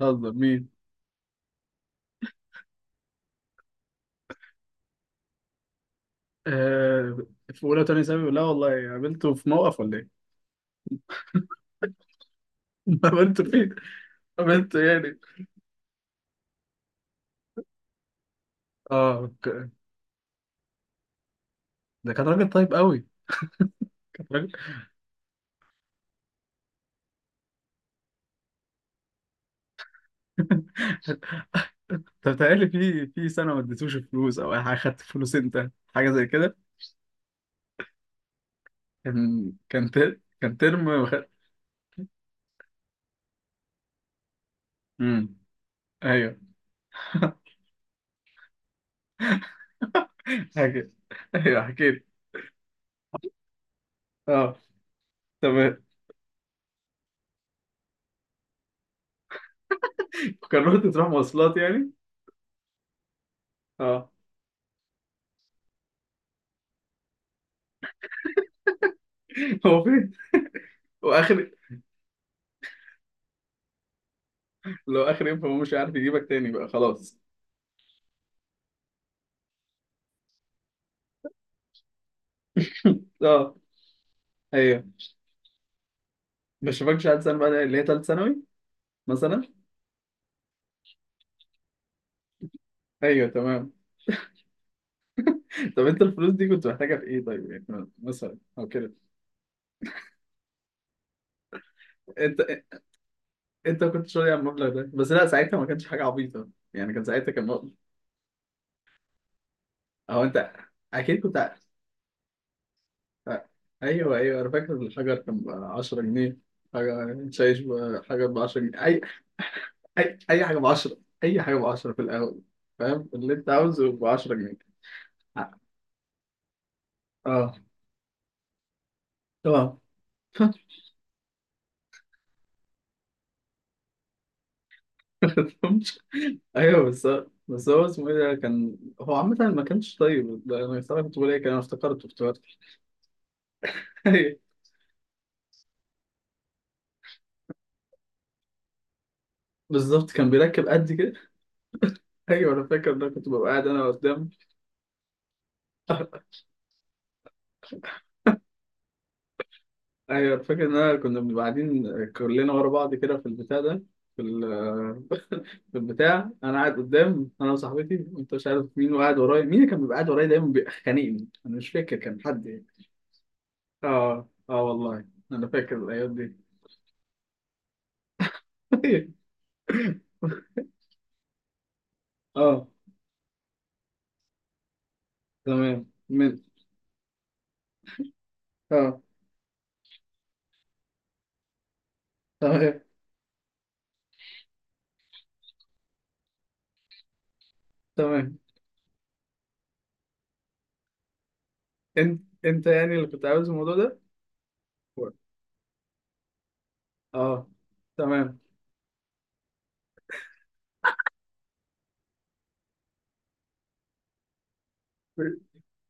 هزر مين؟ آه، في أولى تانية ثانوي، لا والله، قابلته في موقف ولا إيه؟ قابلته فين؟ قابلته يعني آه ك-. ده كان راجل طيب قوي، كان راجل. أنت بتهيألي في سنة ما اديتوش فلوس أو أي حاجة، خدت فلوس أنت حاجة زي كده. كان ترم وخ-. مم. أيوه. حكي. أيوه حكيت. آه، تمام. كان رحت تروح مواصلات يعني. آه. هو فين؟ وآخر. لو آخر يوم فهو مش عارف يجيبك تاني بقى، خلاص. آه. ايوه، ما شافكش عاد سنة بقى اللي هي تالت ثانوي مثلا. ايوه تمام. طب انت الفلوس دي كنت محتاجها في ايه طيب، يعني مثلا او كده. انت انت كنت شاري على المبلغ ده بس؟ لا ساعتها ما كانش حاجه عبيطه يعني، كان ساعتها كان مبلغ. اهو انت، اكيد كنت ع-. أ-، ايوه ايوه، انا فاكر الحجر كان ب 10 جنيه. حاجه شايش ب- حجر ب 10 جنيه. اي اي، اي حاجه ب 10، اي حاجه ب 10 في القهوه. فاهم اللي انت عاوزه ب 10 جنيه. اه تمام. ايوه بس. بس هو اسمه ايه ده؟ كان هو عامة ما كانش طيب ده، انا صراحة كنت بقول ايه، كان انا افتكرته، افتكرت. أيوة. بالظبط، كان بيركب قد كده. ايوه انا فاكر، ده كنت ببقى قاعد انا قدام. ايوه أنا فاكر ان انا كنا بنبقى قاعدين كلنا ورا بعض كده في البتاع ده، في ال-. في البتاع انا قاعد قدام، انا وصاحبتي، وانت مش عارف مين، وقاعد ورايا مين؟ اللي كان بيبقى قاعد ورايا دايما بيخانقني، انا مش فاكر كان حد يعني. اه اه والله، انا فاكر الايام دي. اه تمام من. اه تمام. تمام. انت يعني اللي كنت عاوز الموضوع ده. و-، اه تمام.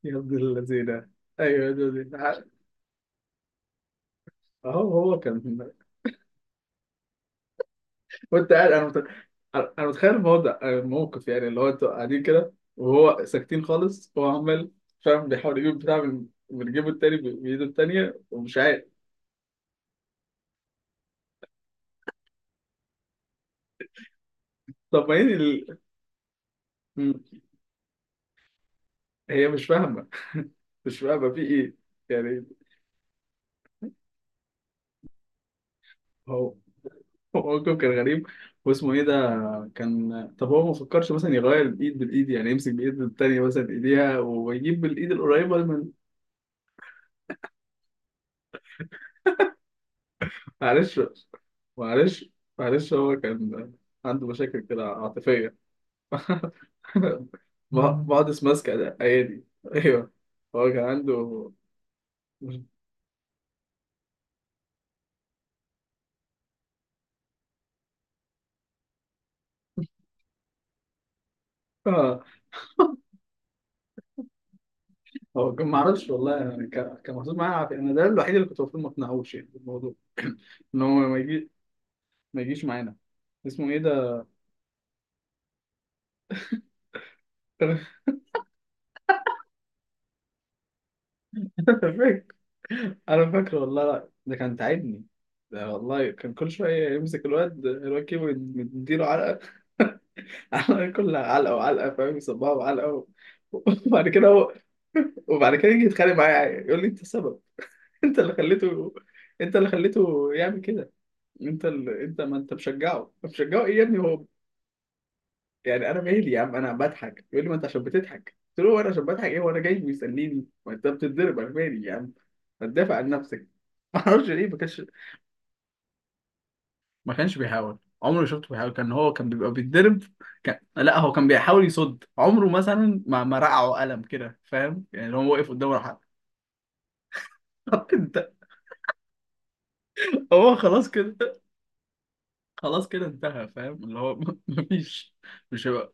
يا ابن الذين. ايوه يا دودي. اهو هو كان. وانت قاعد انا مت... انا متخيل الموضوع، الموقف يعني، اللي هو انتوا قاعدين كده وهو ساكتين خالص، هو عمال. فاهم بيحاول يجيب بتاع من جيبه التاني ب- بايده التانية، ومش عارف. طب ما هي ال-. مم. هي مش فاهمة. مش فاهمة في ايه يعني. هو هو موقف كان غريب. واسمه ايه ده؟ كان طب هو ما فكرش مثلا يغير الايد بالايد، يعني يمسك بايد التانية مثلا ايديها ويجيب بالايد القريبة من. معلش معلش، معلش هو كان عنده مشاكل كده عاطفية. مم. بعضس ماسكة ايادي. ايوه، هو كان عنده. آه، هو كان معرفش والله يعني، كان محطوط معايا عافية، انا ده الوحيد اللي كنت المفروض ما اقنعهوش يعني بالموضوع، ان هو ما يجي، ما يجيش معانا. اسمه ايه ده؟ فاكر. انا فاكره والله، لا ده كان تعبني. ده والله كان كل شويه يمسك الواد، الواد كيمو يديله علقه. علقه، كلها علقه وعلقه، فاهم، يصبها وعلقه و-. وبعد كده هو. وبعد كده يجي يتخانق معايا يقول لي انت السبب، انت اللي خليته، انت اللي خليته يعمل كده. انت اللي-، انت ما انت مشجعه، مشجعه ايه يا ابني هو. يعني انا مالي يا عم، انا بضحك، يقول لي ما انت عشان بتضحك، قلت له هو انا عشان بضحك ايه، وانا جاي بيسليني، ما انت بتتضرب انا مالي يا عم. ما تدافع عن نفسك. ما اعرفش ليه ما كانش. ما كانش بيحاول، عمري ما شفته بيحاول، كان هو كان بيبقى بيتضرب. كان-، لا هو كان بيحاول يصد عمره مثلا، ما رقعه قلم كده فاهم يعني، لو هو واقف قدامه راح. انت. هو خلاص كده، خلاص كده انتهى، فاهم اللي هو. مفيش، مش هيبقى.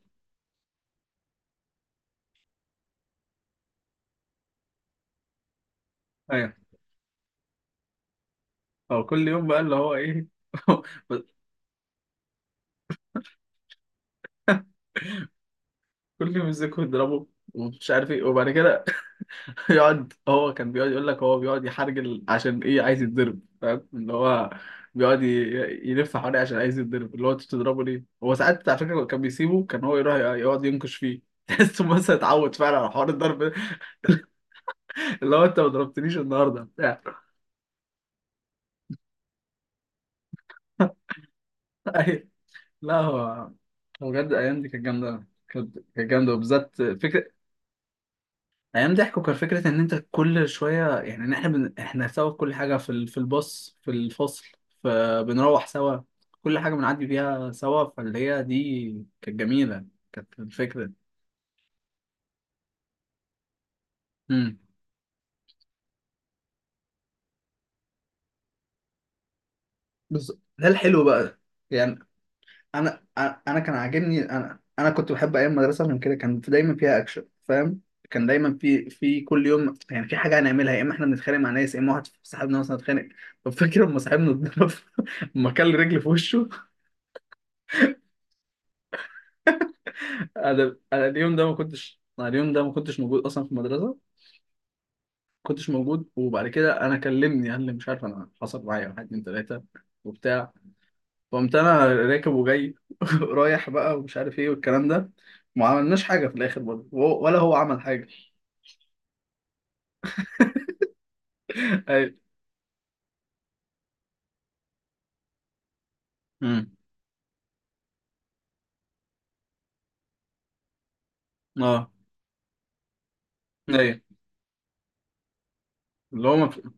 ايوه. هو كل يوم بقى اللي هو ايه. بس كل يوم يمسكه يضربه ومش عارف ايه، وبعد كده. يقعد، هو كان بيقعد يقول لك هو بيقعد يحرجل، عشان ايه؟ عايز يتضرب، فاهم اللي هو، بيقعد ي- يلف حواليه عشان عايز يتضرب، اللي هو انت بتضربه ليه؟ هو ساعات على فكره كان بيسيبه، كان هو يروح يقعد ينكش فيه. تحسه مثلا اتعود فعلا على حوار الضرب ده. اللي هو انت ما ضربتنيش النهارده بتاع. أي-، لا هو. هو بجد الايام دي كانت جامده، كانت جامده، وبالذات فكره. ايام ضحكوا، كان فكره ان انت كل شويه يعني، إن احنا بن-، احنا سوا في كل حاجه، في ال-، في الباص، في الفصل، فبنروح سوا، كل حاجه بنعدي بيها سوا، فاللي هي دي كانت جميله، كانت الفكره. امم. بس ده الحلو بقى يعني. انا كان عاجبني، انا كنت بحب ايام المدرسه عشان كده، كان في-، دايما فيها اكشن فاهم. كان دايما في كل يوم يعني في حاجه هنعملها، يا اما احنا بنتخانق مع ناس، يا اما واحد صاحبنا مثلا اتخانق. طب فاكر لما صاحبنا. لما كل رجل في وشه. انا انا اليوم ده ما كنتش أنا اليوم ده ما كنتش موجود اصلا في المدرسه، ما كنتش موجود. وبعد كده انا كلمني قال لي مش عارف، انا حصل معايا واحد اتنين تلاته وبتاع، فقمت انا راكب وجاي. رايح بقى ومش عارف ايه والكلام ده، ما عملناش حاجه في الاخر برضه، وهو-، ولا هو عمل حاجه. ايوه. امم. اه ايوه، اللي هو ما في-،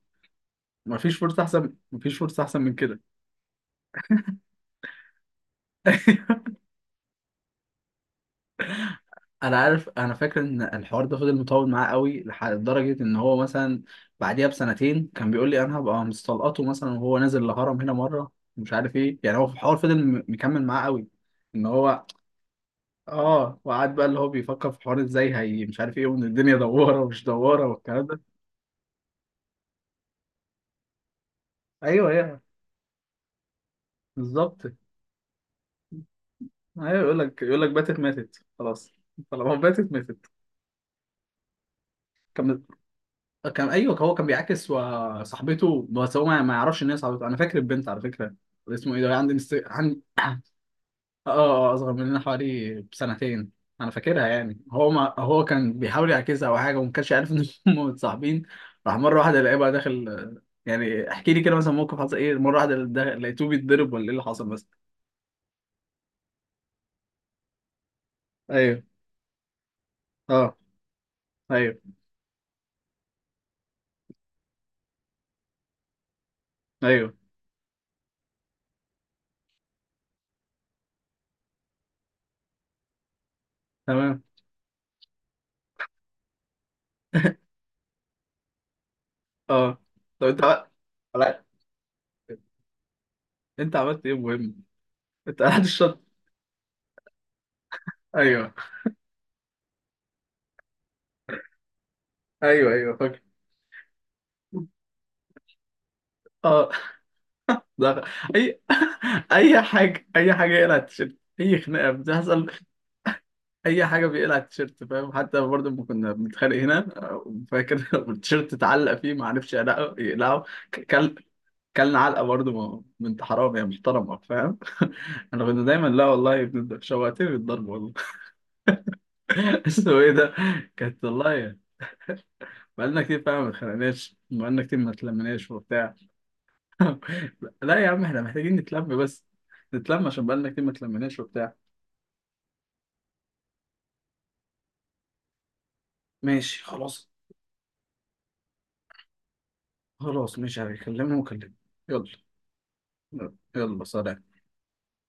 ما فيش فرصه احسن، ما فيش فرصه احسن من كده. انا عارف، انا فاكر ان الحوار ده فضل مطول معاه قوي لح- لدرجه ان هو مثلا بعديها بسنتين كان بيقول لي انا هبقى مستلقطه مثلا وهو نازل الهرم هنا مره، مش عارف ايه. يعني هو في الحوار فضل م- مكمل معاه قوي، ان هو. اه وقعد بقى اللي هو بيفكر في حوار ازاي هي مش عارف ايه، وان الدنيا دواره ومش دواره والكلام ده. ايوه ايوه، بالظبط. ايوه، يقول لك، يقول لك باتت ماتت خلاص، طالما باتت ماتت. كمل. كان ايوه، هو كان بيعاكس و- صاحبته، بس هو ما يعرفش ان هي صاحبته. انا فاكر البنت على فكره، اسمه ايه ده، عندي مست-، عندي. اه، آه، آه، اصغر مننا حوالي بسنتين. انا فاكرها يعني، هو ما هو كان بيحاول يعكسها او حاجه وما كانش عارف ان هم متصاحبين. راح مره واحده الاقيه بقى داخل، يعني احكي لي كده مثلا موقف حصل ايه، مره واحده دا- لقيته بيتضرب ولا ايه اللي حصل مثلا؟ ايوه. اه. ايوه ايوه تمام. اه. طب انت بقى، انت عملت ايه مهم؟ انت قاعد الشط. ايوه ايوه. ايوه فاكر. اه ده. اي. اي حاجه، اي حاجه يقلع التيشيرت، اي خناقه بتحصل. اي حاجه بيقلع التيشيرت فاهم، حتى برضه لما كنا بنتخانق هنا، آه، فاكر. التيشيرت اتعلق فيه، ما عرفش يقلعه يقلعه. ك- كل، كلنا علقه برضه، ما- ما انت حرام يا محترمه فاهم. انا كنت دايما، لا والله يا ابني شوقتني بالضرب والله. اسمه ايه ده؟ كانت والله. بقالنا كتير فعلا ما اتخانقناش، بقالنا كتير ما اتلمناش وبتاع. لا يا عم، احنا محتاجين نتلم بس، نتلم عشان بقالنا كتير ما اتلمناش وبتاع. ماشي خلاص. خلاص ماشي، هكلمهم وكلمهم. يلا. يلا سلام.